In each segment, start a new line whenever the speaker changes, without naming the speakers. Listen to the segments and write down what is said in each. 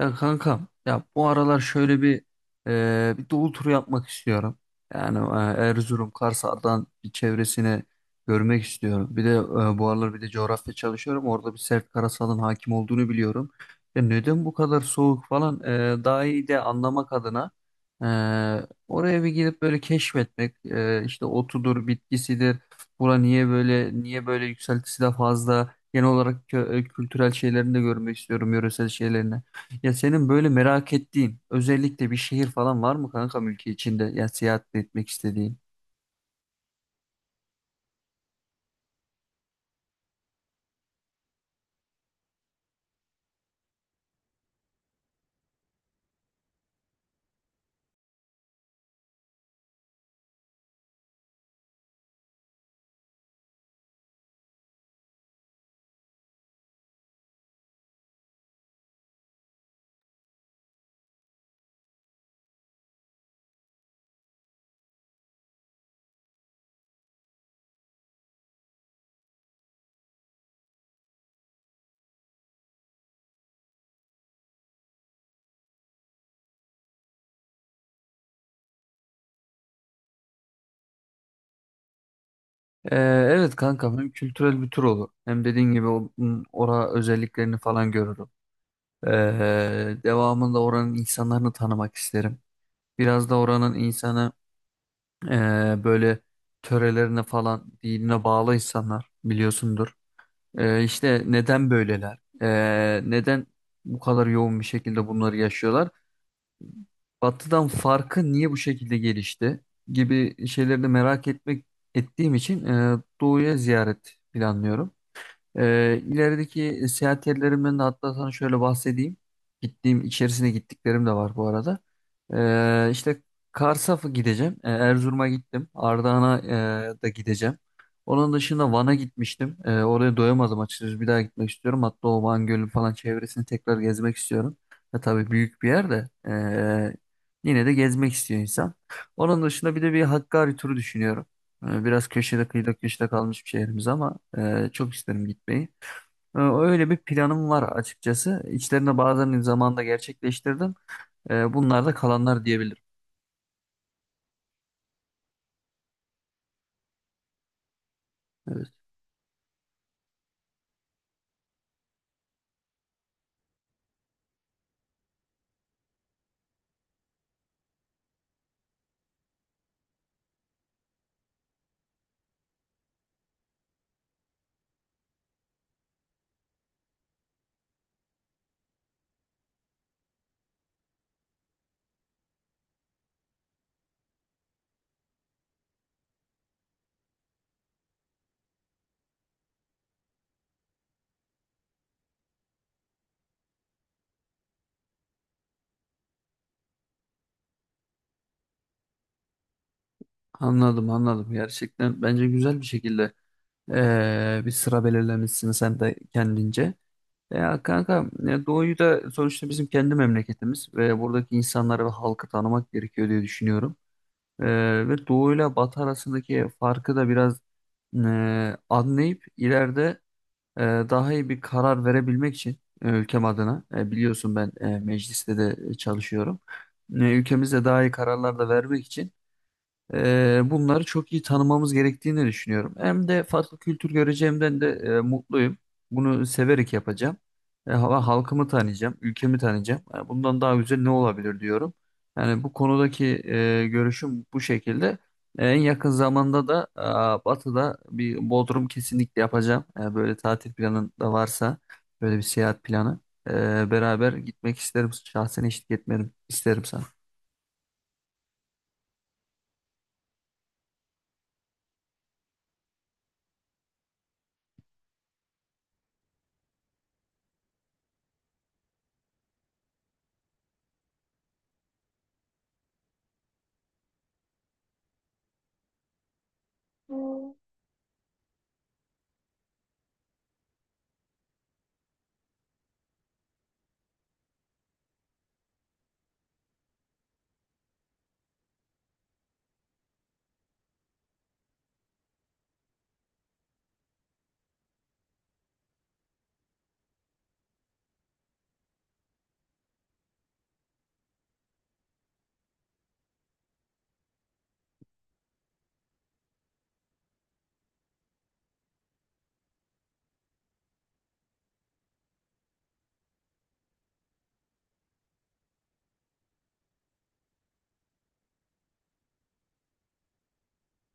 Ya kankam ya bu aralar şöyle bir bir doğu turu yapmak istiyorum. Yani Erzurum, Kars, Ardahan bir çevresini görmek istiyorum. Bir de bu aralar bir de coğrafya çalışıyorum. Orada bir sert karasalın hakim olduğunu biliyorum. Ya neden bu kadar soğuk falan daha iyi de anlamak adına, e, oraya bir gidip böyle keşfetmek, işte otudur, bitkisidir. Bura niye böyle, niye böyle yükseltisi de fazla. Genel olarak kültürel şeylerini de görmek istiyorum, yöresel şeylerini. Ya senin böyle merak ettiğin özellikle bir şehir falan var mı kankam, ülke içinde ya, seyahat etmek istediğin? Ee, evet kankam, hem kültürel bir tur olur hem dediğin gibi ora özelliklerini falan görürüm. Devamında oranın insanlarını tanımak isterim. Biraz da oranın insanı böyle törelerine falan, dinine bağlı insanlar, biliyorsundur. İşte neden böyleler? Neden bu kadar yoğun bir şekilde bunları yaşıyorlar? Batı'dan farkı niye bu şekilde gelişti gibi şeyleri de merak etmek ettiğim için Doğu'ya ziyaret planlıyorum. İlerideki seyahat yerlerimden de hatta sana şöyle bahsedeyim. İçerisine gittiklerim de var bu arada. İşte Kars'a gideceğim. Erzurum'a gittim. Ardahan'a da gideceğim. Onun dışında Van'a gitmiştim. Oraya doyamadım açıkçası. Bir daha gitmek istiyorum. Hatta o Van Gölü falan çevresini tekrar gezmek istiyorum. Ya tabii büyük bir yer de yine de gezmek istiyor insan. Onun dışında bir de bir Hakkari turu düşünüyorum. Biraz kıyıda köşede kalmış bir şehrimiz ama çok isterim gitmeyi. Öyle bir planım var açıkçası. İçlerinde bazılarını zamanında gerçekleştirdim. Bunlar da kalanlar diyebilirim. Evet, anladım, anladım. Gerçekten bence güzel bir şekilde bir sıra belirlemişsin sen de kendince. Ya kanka, Doğu'yu da sonuçta bizim kendi memleketimiz ve buradaki insanları ve halkı tanımak gerekiyor diye düşünüyorum. Ve Doğu ile Batı arasındaki farkı da biraz anlayıp ileride e, daha iyi bir karar verebilmek için, ülkem adına, biliyorsun ben mecliste de çalışıyorum. Ülkemizde daha iyi kararlar da vermek için bunları çok iyi tanımamız gerektiğini düşünüyorum. Hem de farklı kültür göreceğimden de mutluyum. Bunu severek yapacağım. Halkımı tanıyacağım, ülkemi tanıyacağım. Bundan daha güzel ne olabilir diyorum. Yani bu konudaki görüşüm bu şekilde. En yakın zamanda da Batı'da bir Bodrum kesinlikle yapacağım. Böyle tatil planın da varsa, böyle bir seyahat planı. e, beraber gitmek isterim. Şahsen eşlik etmerim isterim sana.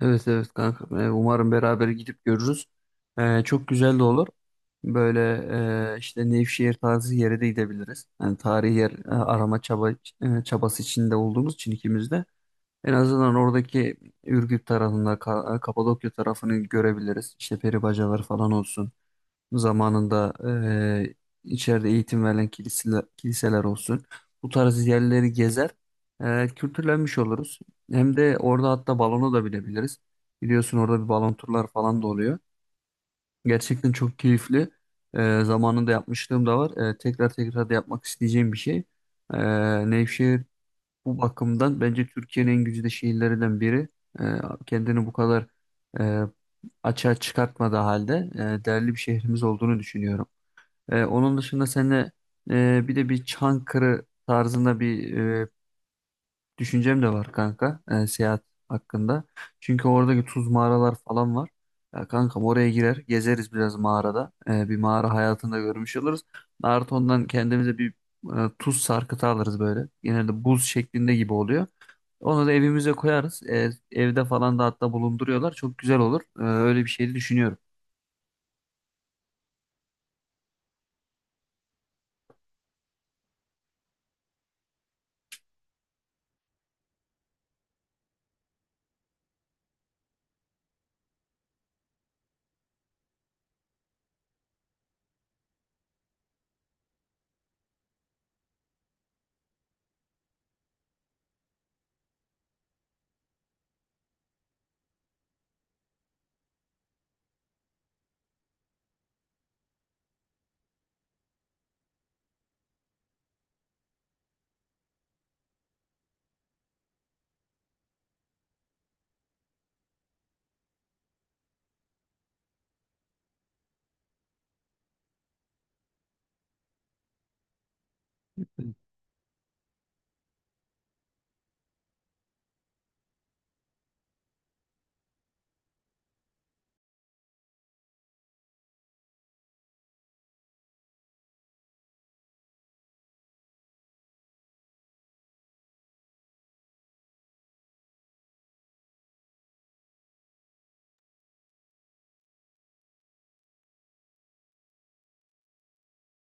Evet evet kanka. Umarım beraber gidip görürüz. Çok güzel de olur. Böyle, işte Nevşehir tarzı yere de gidebiliriz. Yani tarihi yer arama, çabası içinde olduğumuz için ikimiz de. En azından oradaki Ürgüp tarafında, Kapadokya tarafını görebiliriz. İşte peribacalar falan olsun, zamanında içeride eğitim verilen kiliseler olsun. Bu tarz yerleri gezer, kültürlenmiş oluruz. Hem de orada hatta balonu da bilebiliriz. Biliyorsun orada bir balon turlar falan da oluyor. Gerçekten çok keyifli. Zamanında yapmışlığım da var. Tekrar tekrar da yapmak isteyeceğim bir şey. Nevşehir bu bakımdan bence Türkiye'nin en güzide şehirlerinden biri. Eee, Kendini bu kadar eee açığa çıkartmadığı halde değerli bir şehrimiz olduğunu düşünüyorum. Onun dışında seninle bir de bir Çankırı tarzında bir düşüncem de var kanka, seyahat hakkında. Çünkü oradaki tuz mağaralar falan var. Ya kankam, oraya girer gezeriz biraz mağarada. Bir mağara hayatında görmüş oluruz. Artı ondan kendimize bir tuz sarkıtı alırız böyle. Genelde buz şeklinde gibi oluyor. Onu da evimize koyarız. Evde falan da hatta bulunduruyorlar. Çok güzel olur. Öyle bir şey de düşünüyorum.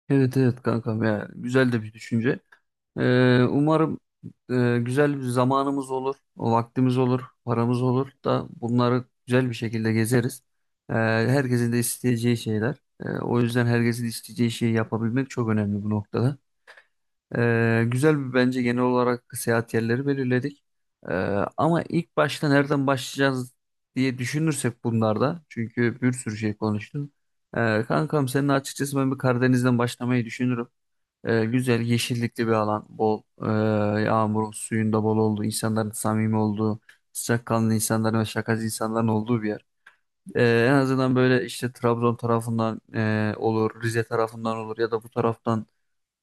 Evet evet kankam, ya güzel de bir düşünce. Umarım güzel bir zamanımız olur, o vaktimiz olur, paramız olur da bunları güzel bir şekilde gezeriz. Herkesin de isteyeceği şeyler. O yüzden herkesin isteyeceği şeyi yapabilmek çok önemli bu noktada. Güzel bir, bence genel olarak seyahat yerleri belirledik. Ee, Ama ilk başta nereden başlayacağız diye düşünürsek bunlarda, çünkü bir sürü şey konuştum. Kankam seninle açıkçası ben bir Karadeniz'den başlamayı düşünürüm. Güzel yeşillikli bir alan, bol yağmurun suyunda bol olduğu, insanların samimi olduğu, sıcakkanlı insanların ve şakacı insanların olduğu bir yer. En azından böyle işte Trabzon tarafından olur, Rize tarafından olur, ya da bu taraftan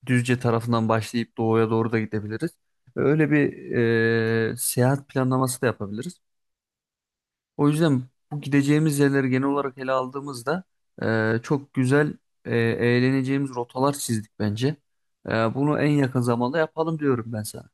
Düzce tarafından başlayıp doğuya doğru da gidebiliriz. Öyle bir seyahat planlaması da yapabiliriz. O yüzden bu gideceğimiz yerleri genel olarak ele aldığımızda çok güzel, eğleneceğimiz rotalar çizdik bence. Bunu en yakın zamanda yapalım diyorum ben sana.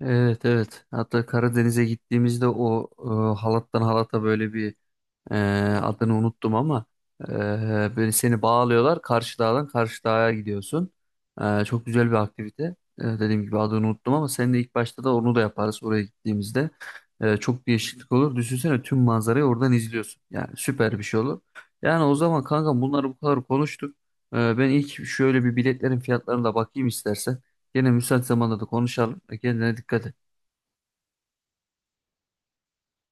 Evet evet. Hatta Karadeniz'e gittiğimizde o halattan halata böyle bir, Ee, adını unuttum ama e, böyle seni bağlıyorlar. Karşı dağdan karşı dağa gidiyorsun. Çok güzel bir aktivite. Dediğim gibi adını unuttum ama seninle ilk başta da onu da yaparız oraya gittiğimizde. Çok değişiklik olur. Düşünsene tüm manzarayı oradan izliyorsun. Yani süper bir şey olur. Yani o zaman kanka, bunları bu kadar konuştuk. Ben ilk şöyle bir biletlerin fiyatlarına da bakayım istersen. Gene müsait zamanda da konuşalım. Kendine dikkat et.